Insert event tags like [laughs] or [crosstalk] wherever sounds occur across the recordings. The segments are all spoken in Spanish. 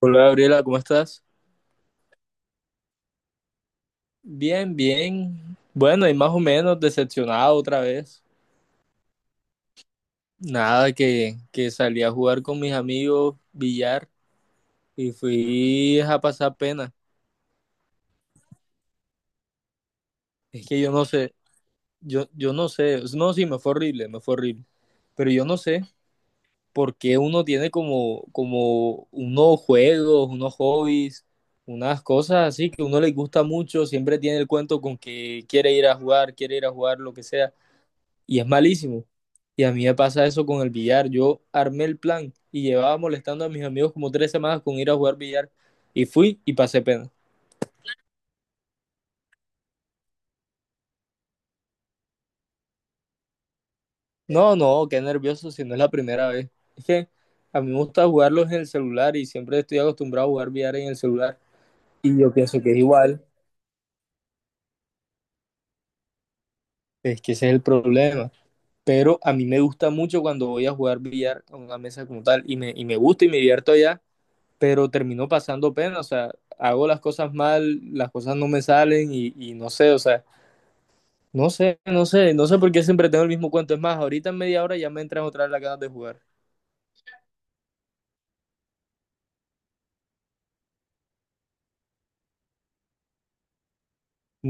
Hola Gabriela, ¿cómo estás? Bien, bien. Bueno, y más o menos decepcionado otra vez. Nada, que salí a jugar con mis amigos billar y fui a pasar pena. Es que yo no sé, yo no sé, no, sí, me fue horrible, me fue horrible. Pero yo no sé por qué uno tiene como unos juegos, unos hobbies, unas cosas así que a uno le gusta mucho, siempre tiene el cuento con que quiere ir a jugar, quiere ir a jugar, lo que sea y es malísimo. Y a mí me pasa eso con el billar. Yo armé el plan y llevaba molestando a mis amigos como 3 semanas con ir a jugar billar. Y fui y pasé pena. No, no, qué nervioso si no es la primera vez. Es que a mí me gusta jugarlos en el celular y siempre estoy acostumbrado a jugar billar en el celular. Y yo pienso que es igual. Es que ese es el problema. Pero a mí me gusta mucho cuando voy a jugar billar a una mesa como tal. Y me gusta y me divierto allá, pero terminó pasando pena. O sea, hago las cosas mal, las cosas no me salen no sé. O sea, no sé por qué siempre tengo el mismo cuento. Es más, ahorita en media hora ya me entran otra vez las ganas de jugar.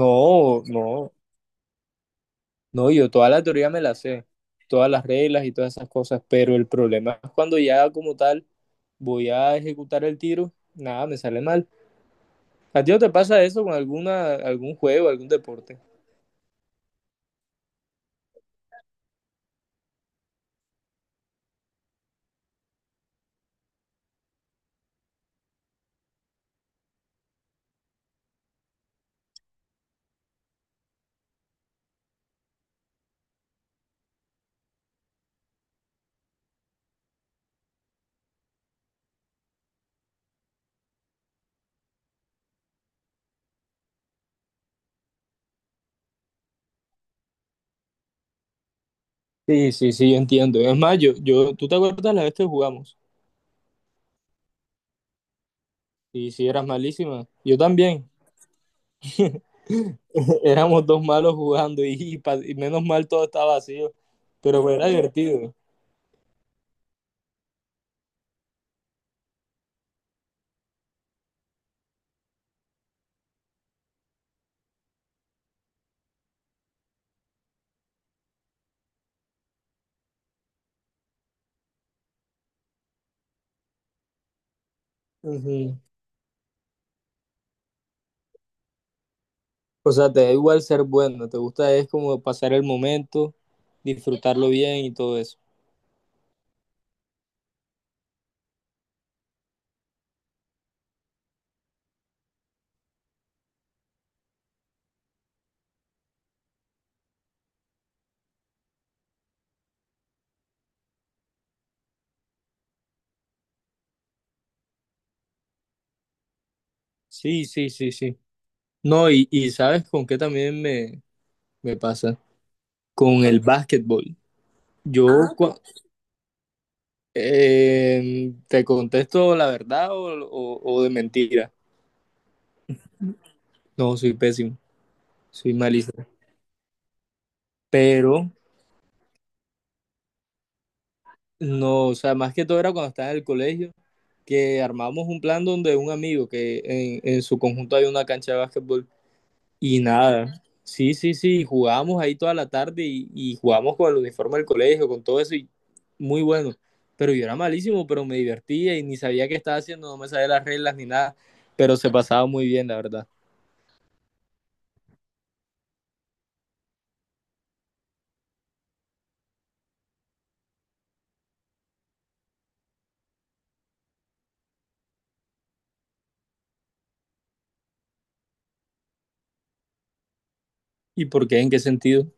No, no, no, yo toda la teoría me la sé, todas las reglas y todas esas cosas, pero el problema es cuando ya como tal voy a ejecutar el tiro, nada, me sale mal. ¿A ti no te pasa eso con alguna, algún juego, algún deporte? Sí, sí, sí, yo entiendo. Es más, ¿tú te acuerdas la vez que jugamos? Y si eras malísima, yo también. [laughs] Éramos dos malos jugando y menos mal todo estaba vacío, pero era divertido. Ujú. O sea, te da igual ser bueno, te gusta es como pasar el momento, disfrutarlo bien y todo eso. Sí, sí, sí, sí. No, ¿sabes con qué también me pasa? Con el básquetbol. Yo Ah, cua- te contesto la verdad o de mentira. No, soy pésimo, soy malísimo. Pero no, o sea, más que todo era cuando estaba en el colegio, que armamos un plan donde un amigo que en su conjunto hay una cancha de básquetbol y nada. Sí, sí, sí, jugábamos ahí toda la tarde y jugábamos con el uniforme del colegio, con todo eso y muy bueno. Pero yo era malísimo, pero me divertía y ni sabía qué estaba haciendo, no me sabía las reglas ni nada, pero se pasaba muy bien, la verdad. ¿Y por qué? ¿En qué sentido?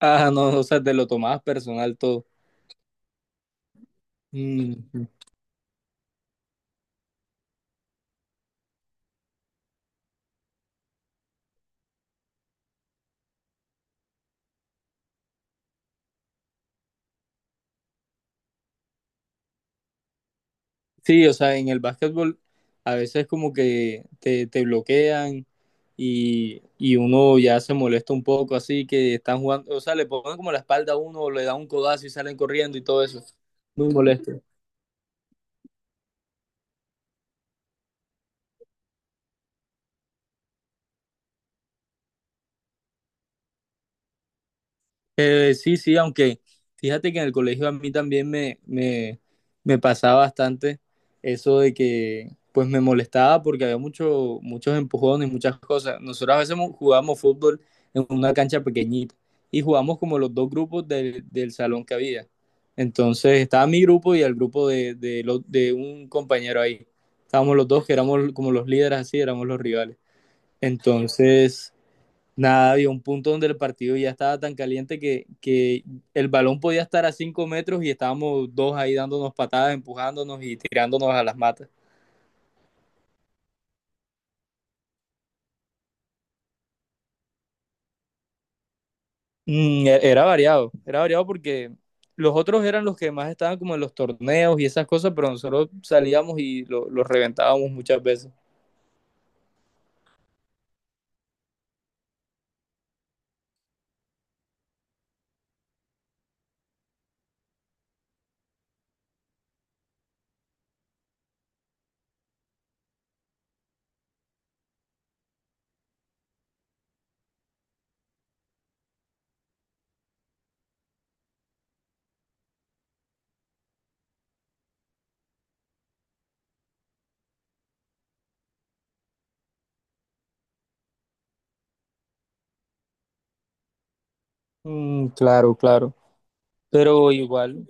Ah, no, o sea, te lo tomabas personal todo. Mm. Sí, o sea, en el básquetbol a veces como que te bloquean y uno ya se molesta un poco, así que están jugando. O sea, le ponen como la espalda a uno, le da un codazo y salen corriendo y todo eso. Muy molesto. Sí, sí, aunque fíjate que en el colegio a mí también me pasaba bastante eso de que pues me molestaba porque había muchos empujones, muchas cosas. Nosotros a veces jugábamos fútbol en una cancha pequeñita y jugábamos como los dos grupos del salón que había. Entonces estaba mi grupo y el grupo de un compañero ahí. Estábamos los dos que éramos como los líderes así, éramos los rivales. Entonces, nada, había un punto donde el partido ya estaba tan caliente que el balón podía estar a 5 metros y estábamos dos ahí dándonos patadas, empujándonos y tirándonos a las matas. Mm, era variado porque los otros eran los que más estaban como en los torneos y esas cosas, pero nosotros salíamos y los reventábamos muchas veces. Mm, claro, claro. Pero igual,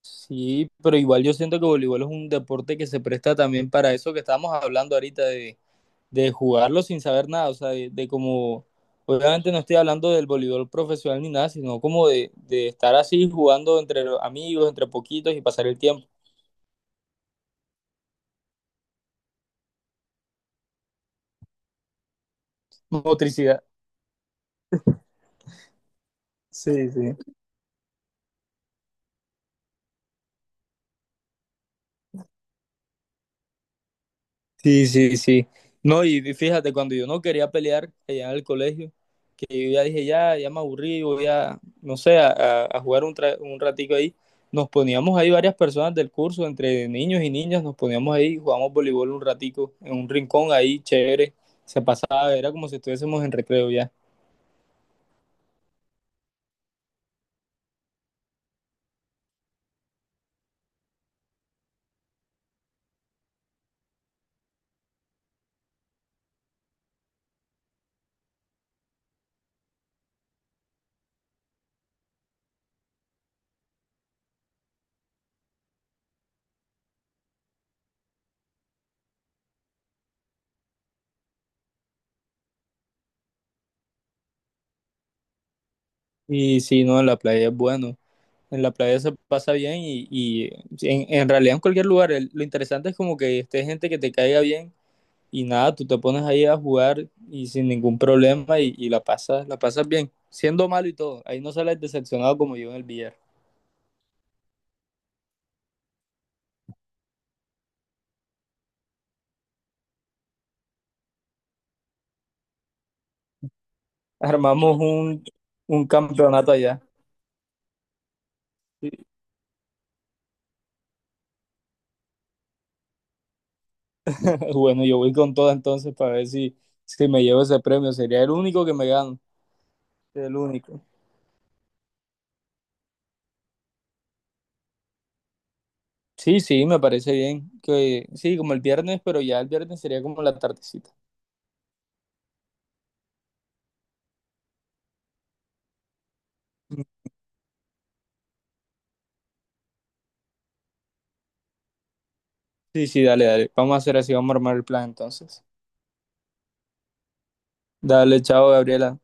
sí, pero igual yo siento que voleibol es un deporte que se presta también para eso que estamos hablando ahorita de jugarlo sin saber nada. O sea, de como, obviamente no estoy hablando del voleibol profesional ni nada, sino como de estar así jugando entre amigos, entre poquitos y pasar el tiempo. Motricidad. Sí, sí. Sí, sí, sí. No, y fíjate, cuando yo no quería pelear allá en el colegio, que yo ya dije, ya, ya me aburrí, voy a, no sé, a jugar un ratico ahí. Nos poníamos ahí varias personas del curso, entre niños y niñas, nos poníamos ahí, jugamos voleibol un ratico, en un rincón ahí, chévere, se pasaba, era como si estuviésemos en recreo ya. Y sí, no, en la playa es bueno, en la playa se pasa bien y en realidad en cualquier lugar, lo interesante es como que esté gente que te caiga bien y nada, tú te pones ahí a jugar y sin ningún problema y la pasas bien, siendo malo y todo. Ahí no sales decepcionado como yo en el billar. Armamos un, un campeonato allá. [laughs] Bueno, yo voy con todo entonces para ver si, si me llevo ese premio. Sería el único que me gano, el único. Sí, sí, me parece bien. Que, sí, como el viernes, pero ya el viernes sería como la tardecita. Sí, sí, dale, dale. Vamos a hacer así, vamos a armar el plan entonces. Dale, chao, Gabriela.